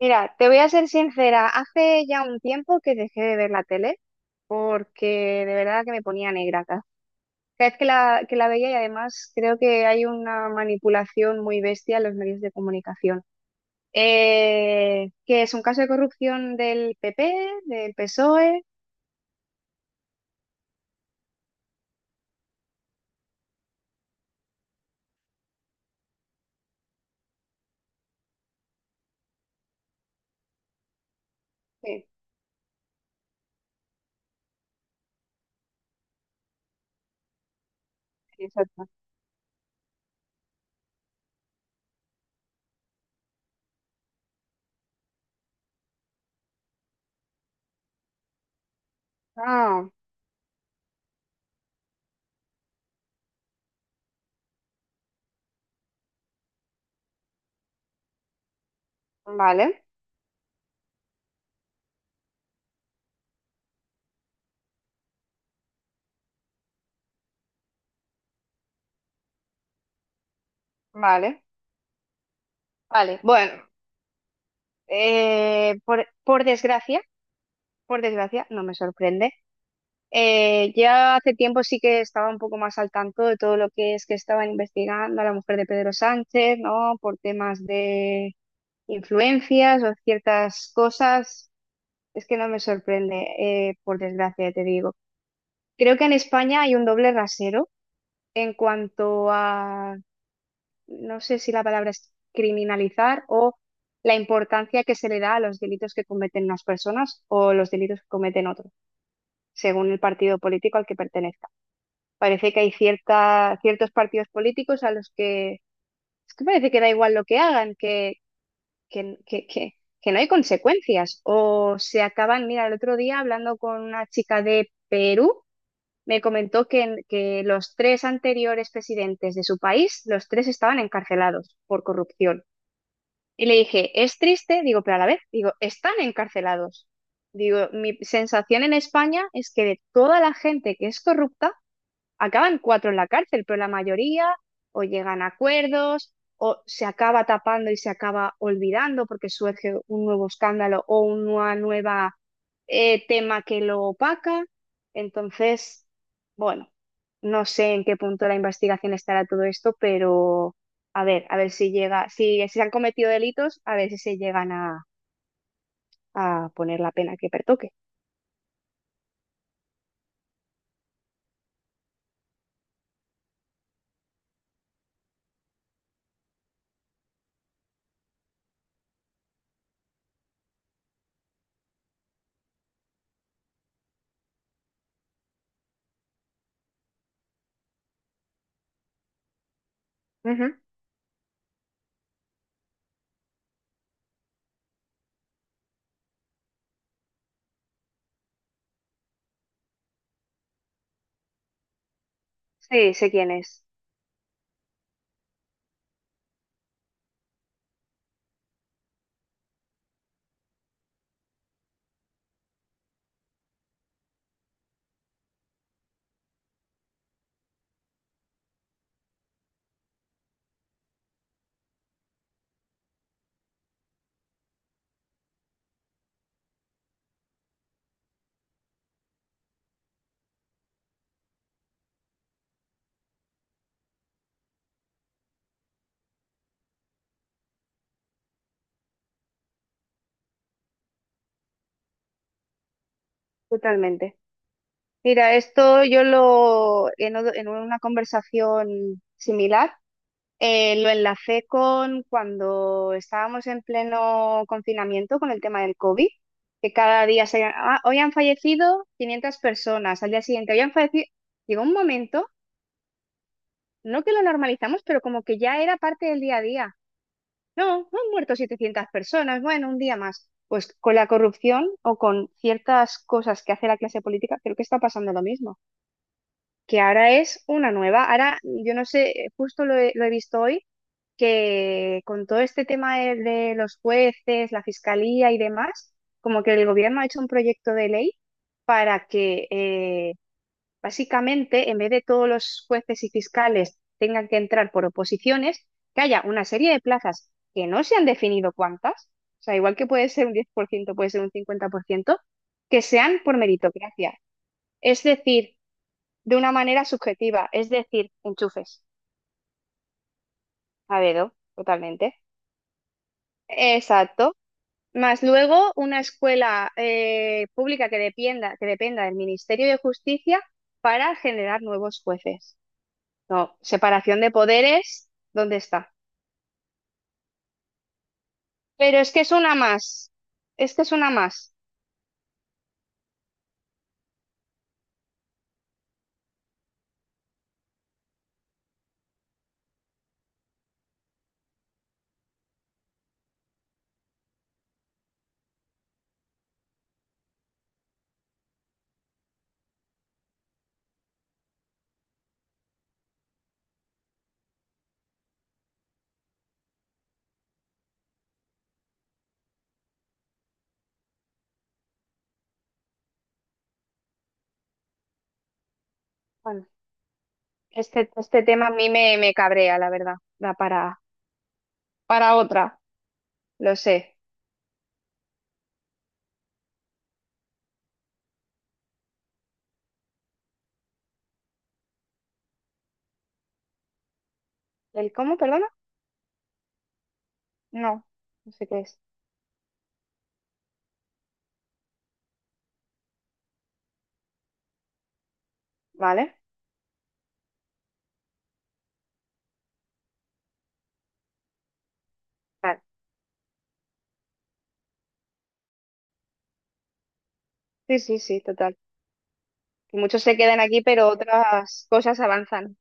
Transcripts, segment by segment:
Mira, te voy a ser sincera, hace ya un tiempo que dejé de ver la tele porque de verdad que me ponía negra cada vez que la veía. Y además, creo que hay una manipulación muy bestia en los medios de comunicación. Que es un caso de corrupción del PP, del PSOE. Sí, sí, exacto. Ah, vale, vale, vale. Bueno, por desgracia, por desgracia, no me sorprende. Ya hace tiempo sí que estaba un poco más al tanto de todo lo que es que estaban investigando a la mujer de Pedro Sánchez, ¿no? Por temas de influencias o ciertas cosas. Es que no me sorprende, por desgracia, te digo. Creo que en España hay un doble rasero en cuanto a, no sé si la palabra es criminalizar o la importancia que se le da a los delitos que cometen unas personas o los delitos que cometen otros, según el partido político al que pertenezca. Parece que hay cierta, ciertos partidos políticos a los que es que parece que da igual lo que hagan, que, que, que, que no hay consecuencias. O se acaban, mira, el otro día hablando con una chica de Perú, me comentó que, que los tres anteriores presidentes de su país, los tres estaban encarcelados por corrupción. Y le dije, es triste, digo, pero a la vez, digo, están encarcelados. Digo, mi sensación en España es que de toda la gente que es corrupta, acaban cuatro en la cárcel, pero la mayoría o llegan a acuerdos o se acaba tapando y se acaba olvidando porque surge un nuevo escándalo o una nueva tema que lo opaca. Entonces, bueno, no sé en qué punto de la investigación estará todo esto, pero a ver si llega, si se han cometido delitos, a ver si se llegan a poner la pena que pertoque. Ujú. Sí, sé quién es, totalmente. Mira, esto yo lo, en, o- en una conversación similar, lo enlacé con cuando estábamos en pleno confinamiento con el tema del COVID, que cada día se, "Ah, hoy han fallecido 500 personas", al día siguiente, "Hoy han fallecido". Llegó un momento, no que lo normalizamos, pero como que ya era parte del día a día. No, no han muerto 700 personas, bueno, un día más. Pues con la corrupción o con ciertas cosas que hace la clase política, creo que está pasando lo mismo, que ahora es una nueva. Ahora, yo no sé, justo lo he visto hoy, que con todo este tema de los jueces, la fiscalía y demás, como que el gobierno ha hecho un proyecto de ley para que básicamente, en vez de todos los jueces y fiscales tengan que entrar por oposiciones, que haya una serie de plazas que no se han definido cuántas, o sea, igual que puede ser un 10%, puede ser un 50% que sean por meritocracia. Es decir, de una manera subjetiva, es decir, enchufes a dedo, totalmente. Exacto. Más luego una escuela pública que dependa del Ministerio de Justicia para generar nuevos jueces. No, separación de poderes, ¿dónde está? Pero es que es una más, es que es una más. Bueno, este tema a mí me cabrea, la verdad. Da para otra, lo sé. ¿El cómo, perdona? No, no sé qué es. ¿Vale? Vale. Sí, sí, sí, total. Que muchos se quedan aquí, pero otras cosas avanzan,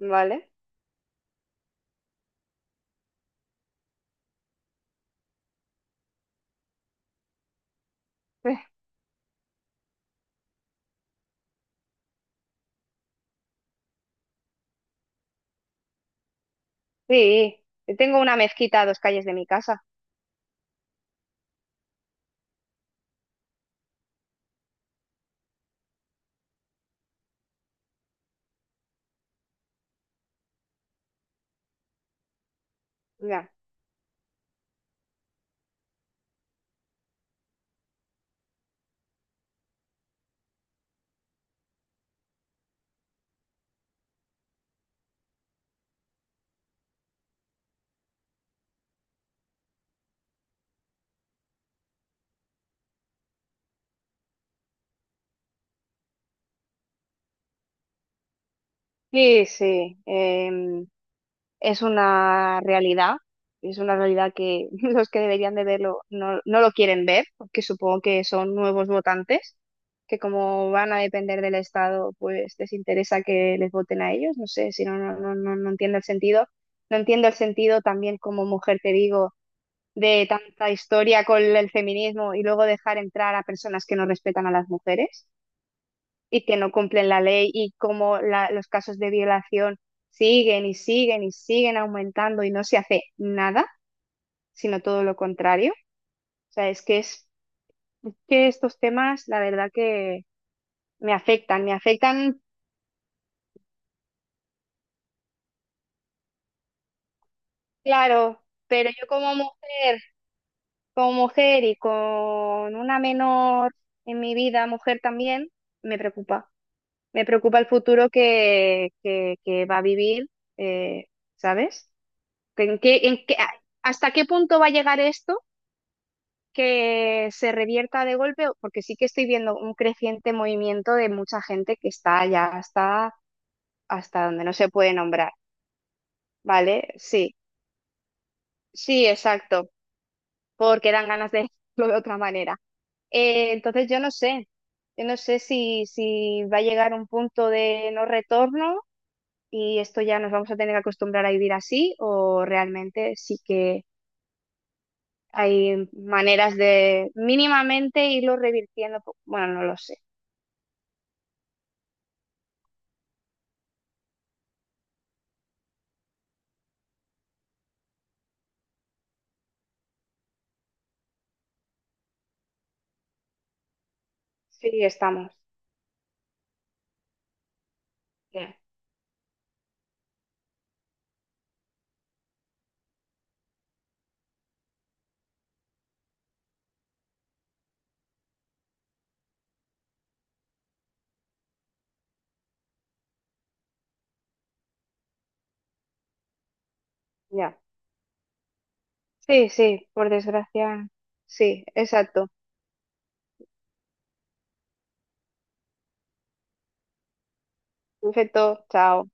¿vale? Eh, sí, yo tengo una mezquita a dos calles de mi casa. Ya. Sí, sí, em, es una realidad, es una realidad que los que deberían de verlo no, no lo quieren ver, porque supongo que son nuevos votantes, que como van a depender del Estado, pues les interesa que les voten a ellos, no sé, si no, no entiendo el sentido. No entiendo el sentido también como mujer, te digo, de tanta historia con el feminismo y luego dejar entrar a personas que no respetan a las mujeres y que no cumplen la ley y cómo los casos de violación siguen aumentando y no se hace nada, sino todo lo contrario. O sea, es que estos temas, la verdad que me afectan, claro, pero yo como mujer y con una menor en mi vida, mujer también, me preocupa. Me preocupa el futuro que, que va a vivir, eh, ¿sabes? ¿En qué, en qué- a- ¿Hasta qué punto va a llegar esto que se revierta de golpe? Porque sí que estoy viendo un creciente movimiento de mucha gente que está ya hasta, hasta donde no se puede nombrar, ¿vale? Sí, sí, exacto, porque dan ganas de decirlo de otra manera. Entonces yo no sé si, si va a llegar un punto de no retorno y esto ya nos vamos a tener que acostumbrar a vivir así, o realmente sí que hay maneras de mínimamente irlo revirtiendo. Bueno, no lo sé. Sí, estamos. Ya. Ya. Sí, sí, por desgracia. Sí, exacto. Perfecto, chao.